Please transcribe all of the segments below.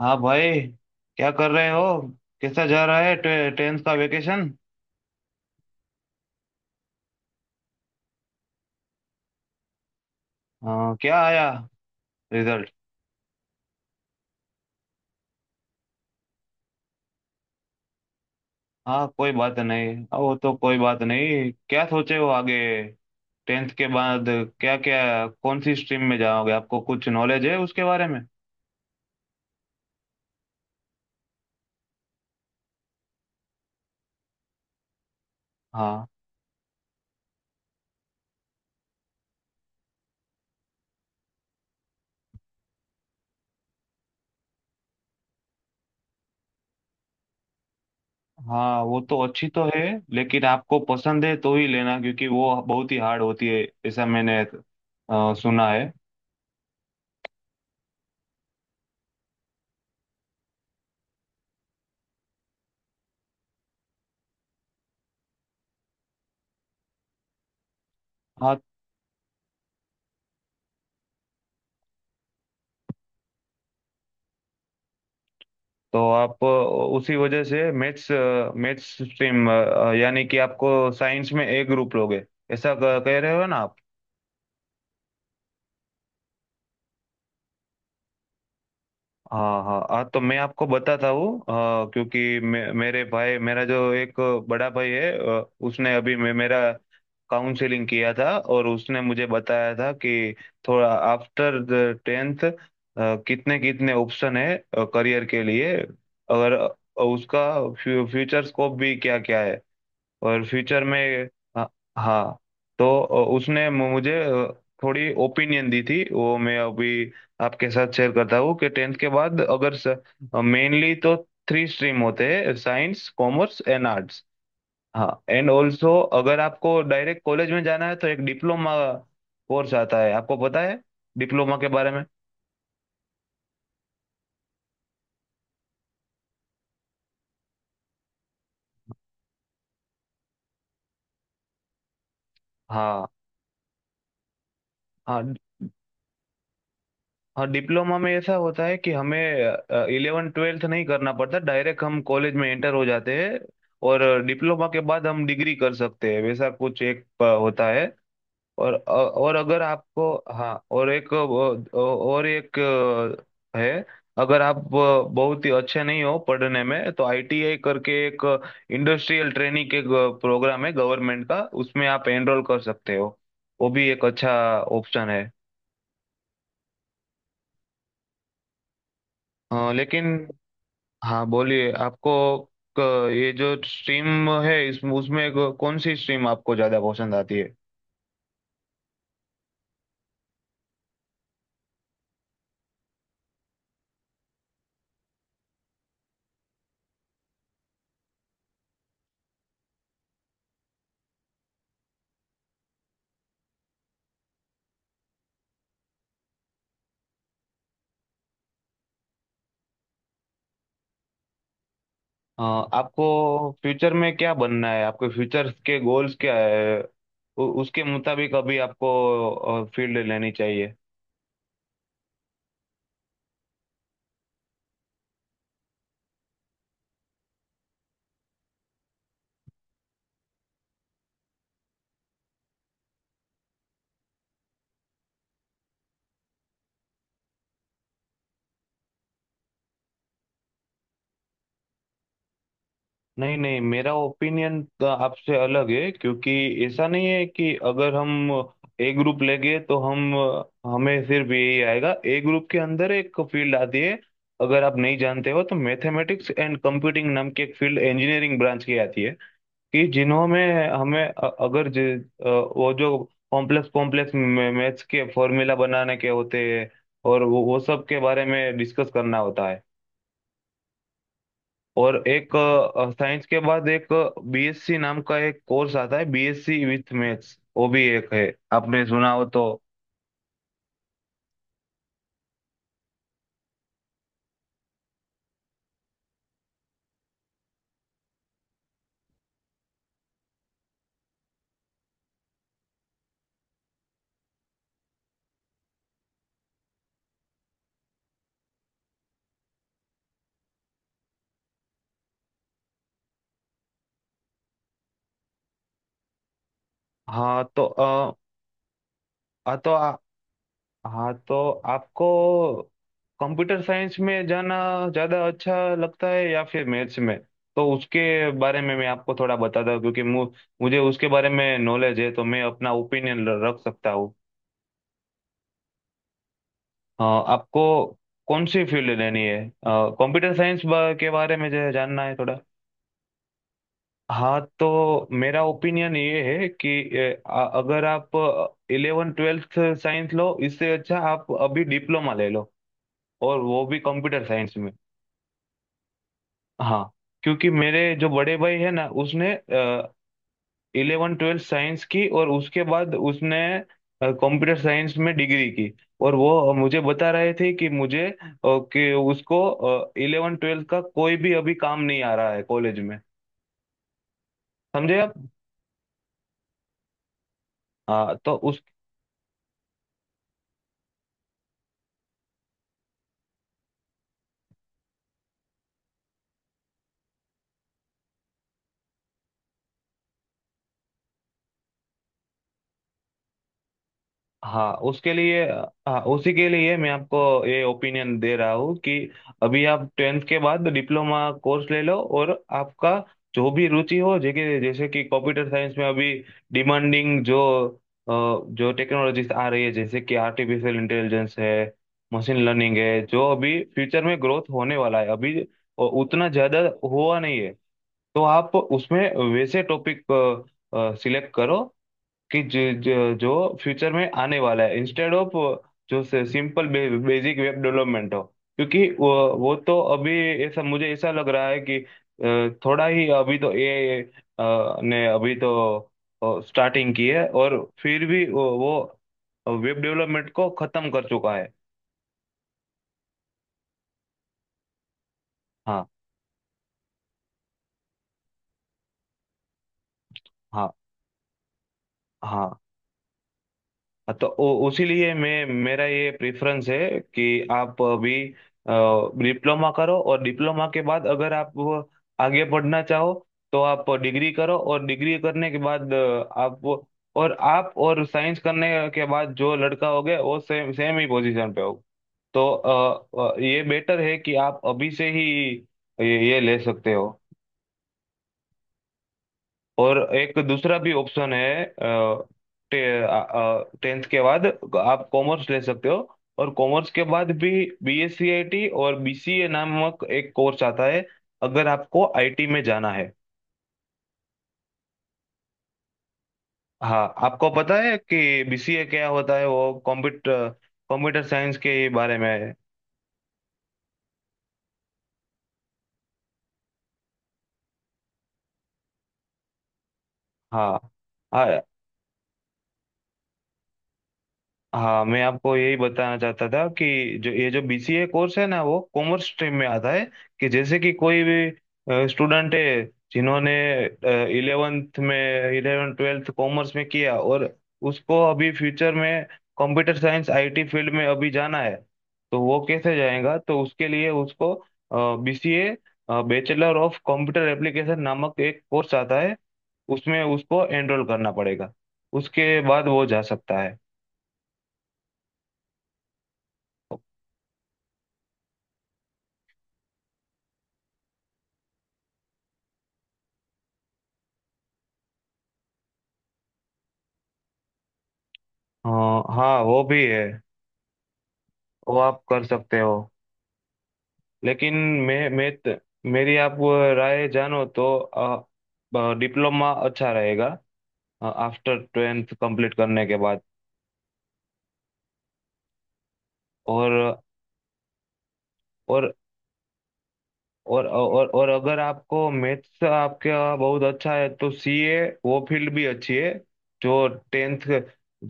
हाँ भाई। क्या कर रहे हो? कैसा जा रहा है टेंथ का वेकेशन? हाँ, क्या आया रिजल्ट? हाँ, कोई बात नहीं। हाँ, वो तो कोई बात नहीं। क्या सोचे हो आगे टेंथ के बाद? क्या क्या कौन सी स्ट्रीम में जाओगे? आपको कुछ नॉलेज है उसके बारे में? हाँ हाँ, वो तो अच्छी तो है। लेकिन आपको पसंद है तो ही लेना, क्योंकि वो बहुत ही हार्ड होती है ऐसा मैंने सुना है। हाँ, तो आप उसी वजह से मैथ्स मैथ्स स्ट्रीम, यानी कि आपको साइंस में ए ग्रुप लोगे, ऐसा कह रहे हो ना आप? हाँ हाँ हाँ, तो मैं आपको बताता हूँ, हाँ, क्योंकि मेरे भाई, मेरा जो एक बड़ा भाई है, उसने अभी मेरा काउंसलिंग किया था और उसने मुझे बताया था कि थोड़ा आफ्टर द टेंथ कितने कितने ऑप्शन है करियर के लिए, और उसका फ्यूचर स्कोप भी क्या क्या है और फ्यूचर में अ, हाँ, तो उसने मुझे थोड़ी ओपिनियन दी थी, वो मैं अभी आपके साथ शेयर करता हूँ कि टेंथ के बाद अगर मेनली तो थ्री स्ट्रीम होते हैं, साइंस, कॉमर्स एंड आर्ट्स। हाँ, एंड ऑल्सो अगर आपको डायरेक्ट कॉलेज में जाना है तो एक डिप्लोमा कोर्स आता है। आपको पता है डिप्लोमा के बारे में? हाँ हाँ। हाँ, डिप्लोमा में ऐसा होता है कि हमें इलेवन ट्वेल्थ नहीं करना पड़ता, डायरेक्ट हम कॉलेज में एंटर हो जाते हैं, और डिप्लोमा के बाद हम डिग्री कर सकते हैं, वैसा कुछ एक होता है। और और अगर आपको, हाँ, और एक, और एक अ, है। अगर आप बहुत ही अच्छे नहीं हो पढ़ने में, तो आईटीआई करके एक इंडस्ट्रियल ट्रेनिंग के प्रोग्राम है गवर्नमेंट का, उसमें आप एनरोल कर सकते हो। वो भी एक अच्छा ऑप्शन है। लेकिन हाँ, बोलिए, आपको ये जो स्ट्रीम है, इस उसमें कौन सी स्ट्रीम आपको ज्यादा पसंद आती है? अ, आपको फ्यूचर में क्या बनना है, आपके फ्यूचर के गोल्स क्या है? उसके मुताबिक अभी आपको फील्ड लेनी चाहिए। नहीं नहीं, मेरा ओपिनियन आपसे अलग है, क्योंकि ऐसा नहीं है कि अगर हम ए ग्रुप लेंगे तो हम हमें सिर्फ यही आएगा। ए ग्रुप के अंदर एक फील्ड आती है, अगर आप नहीं जानते हो तो, मैथमेटिक्स एंड कंप्यूटिंग नाम की एक फील्ड, इंजीनियरिंग ब्रांच की आती है, कि जिन्हों में हमें अगर वो जो कॉम्प्लेक्स कॉम्प्लेक्स मैथ्स के फॉर्मूला बनाने के होते हैं और वो सब के बारे में डिस्कस करना होता है। और एक साइंस के बाद, एक बीएससी नाम का एक कोर्स आता है, बीएससी विथ मैथ्स, वो भी एक है, आपने सुना हो तो। हाँ तो अ, हाँ तो आ, हाँ, तो आपको कंप्यूटर साइंस में जाना ज्यादा अच्छा लगता है या फिर मैथ्स में? तो उसके बारे में मैं आपको थोड़ा बताता हूँ, क्योंकि मुझे उसके बारे में नॉलेज है, तो मैं अपना ओपिनियन रख सकता हूँ। आपको कौन सी फील्ड लेनी है? कंप्यूटर साइंस के बारे में जो है, जानना है थोड़ा? हाँ तो मेरा ओपिनियन ये है कि अगर आप इलेवन ट्वेल्थ साइंस लो, इससे अच्छा आप अभी डिप्लोमा ले लो, और वो भी कंप्यूटर साइंस में। हाँ, क्योंकि मेरे जो बड़े भाई है ना, उसने इलेवन ट्वेल्थ साइंस की और उसके बाद उसने कंप्यूटर साइंस में डिग्री की, और वो मुझे बता रहे थे कि उसको इलेवन ट्वेल्थ का कोई भी अभी काम नहीं आ रहा है कॉलेज में। समझे आप? हाँ, तो हाँ, उसके लिए, हाँ, उसी के लिए मैं आपको ये ओपिनियन दे रहा हूँ कि अभी आप टेंथ के बाद डिप्लोमा कोर्स ले लो, और आपका जो भी रुचि हो, जैसे जैसे कि कंप्यूटर साइंस में अभी डिमांडिंग जो जो टेक्नोलॉजीज आ रही है, जैसे कि आर्टिफिशियल इंटेलिजेंस है, मशीन लर्निंग है, जो अभी फ्यूचर में ग्रोथ होने वाला है, अभी उतना ज्यादा हुआ नहीं है। तो आप उसमें वैसे टॉपिक सिलेक्ट करो कि जो फ्यूचर में आने वाला है, इंस्टेड ऑफ जो सिंपल बेसिक वेब डेवलपमेंट हो, क्योंकि वो तो अभी, ऐसा मुझे ऐसा लग रहा है कि थोड़ा ही अभी तो ए ने अभी तो स्टार्टिंग की है और फिर भी वो वेब डेवलपमेंट को खत्म कर चुका है। हाँ हाँ। हाँ, तो उसी लिए मैं, मेरा ये प्रेफरेंस है कि आप अभी डिप्लोमा करो, और डिप्लोमा के बाद अगर आप आगे पढ़ना चाहो तो आप डिग्री करो, और डिग्री करने के बाद अ, आप और साइंस करने के बाद जो लड़का हो गया वो सेम सेम ही पोजीशन पे हो, तो ये बेटर है कि आप अभी से ही ये ले सकते हो। और एक दूसरा भी ऑप्शन है, टेंथ के बाद आप कॉमर्स ले सकते हो, और कॉमर्स के बाद भी बीएससी आईटी और बीसीए नामक एक कोर्स आता है, अगर आपको आईटी में जाना है। हाँ, आपको पता है कि बीसीए क्या होता है? वो कंप्यूटर कंप्यूटर साइंस के बारे में है। हाँ हाँ हाँ, मैं आपको यही बताना चाहता था कि जो ये जो बीसीए कोर्स है ना, वो कॉमर्स स्ट्रीम में आता है, कि जैसे कि कोई भी स्टूडेंट है जिन्होंने इलेवेंथ ट्वेल्थ कॉमर्स में किया और उसको अभी फ्यूचर में कंप्यूटर साइंस आईटी फील्ड में अभी जाना है, तो वो कैसे जाएगा? तो उसके लिए उसको BCA, bachelor of computer application नामक एक कोर्स आता है, उसमें उसको एनरोल करना पड़ेगा, उसके बाद वो जा सकता है। हाँ हाँ, वो भी है, वो आप कर सकते हो, लेकिन मैं मैं त- मेरी आप वो राय जानो तो डिप्लोमा अच्छा रहेगा, आफ्टर ट्वेल्थ कंप्लीट करने के बाद, और और और अगर आपको मैथ्स आपके बहुत अच्छा है तो सीए, वो फील्ड भी अच्छी है। जो टेंथ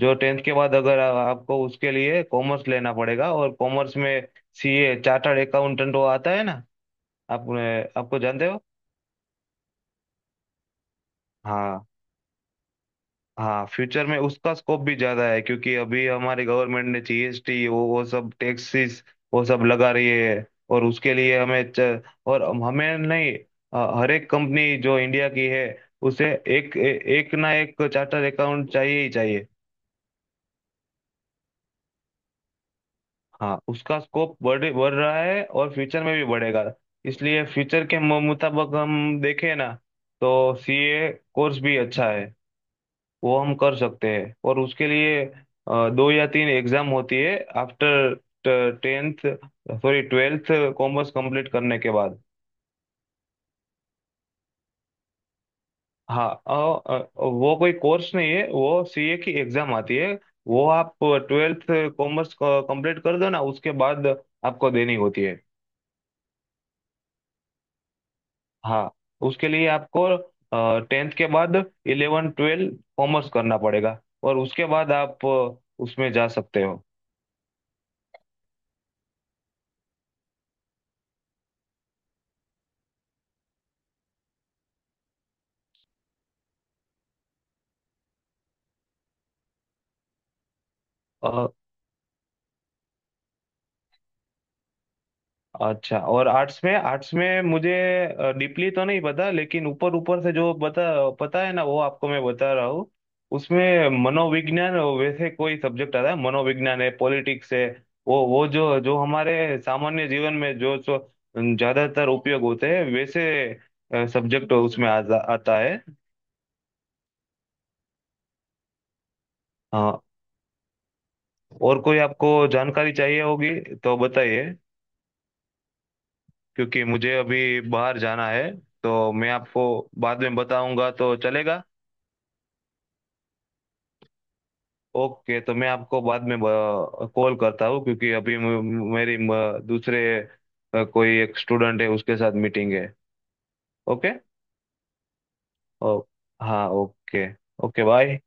जो टेंथ के बाद अगर आपको, उसके लिए कॉमर्स लेना पड़ेगा, और कॉमर्स में सीए, चार्टर्ड अकाउंटेंट, वो आता है ना, आप आपको जानते हो? हाँ हाँ। फ्यूचर में उसका स्कोप भी ज्यादा है, क्योंकि अभी हमारी गवर्नमेंट ने जीएसटी, वो सब टैक्सेस, वो सब लगा रही है, और उसके लिए हमें च, और हम- हमें नहीं हर एक कंपनी जो इंडिया की है, उसे एक ए, एक ना एक चार्टर अकाउंट चाहिए ही चाहिए। हाँ, उसका स्कोप बढ़ बढ़ रहा है और फ्यूचर में भी बढ़ेगा, इसलिए फ्यूचर के मुताबिक हम देखें ना, तो सीए कोर्स भी अच्छा है, वो हम कर सकते हैं, और उसके लिए दो या तीन एग्जाम होती है after tenth sorry twelfth, commerce complete करने के बाद। हाँ, वो कोई कोर्स नहीं है, वो सीए की एग्जाम आती है, वो आप ट्वेल्थ कॉमर्स कंप्लीट कर दो ना, उसके बाद आपको देनी होती है। हाँ, उसके लिए आपको टेंथ के बाद इलेवन ट्वेल्व कॉमर्स करना पड़ेगा, और उसके बाद आप उसमें जा सकते हो। अच्छा, और आर्ट्स में मुझे डीपली तो नहीं पता, लेकिन ऊपर ऊपर से जो पता पता है ना, वो आपको मैं बता रहा हूँ। उसमें मनोविज्ञान वैसे कोई सब्जेक्ट आता है, मनोविज्ञान है, पॉलिटिक्स है, वो जो जो हमारे सामान्य जीवन में जो जो ज्यादातर उपयोग होते हैं, वैसे सब्जेक्ट उसमें आता है। हाँ, और कोई आपको जानकारी चाहिए होगी तो बताइए, क्योंकि मुझे अभी बाहर जाना है, तो मैं आपको बाद में बताऊंगा, तो चलेगा? ओके, तो मैं आपको बाद में कॉल करता हूँ, क्योंकि अभी दूसरे कोई एक स्टूडेंट है, उसके साथ मीटिंग है। ओके। ओ, हाँ, ओके। Okay, bye.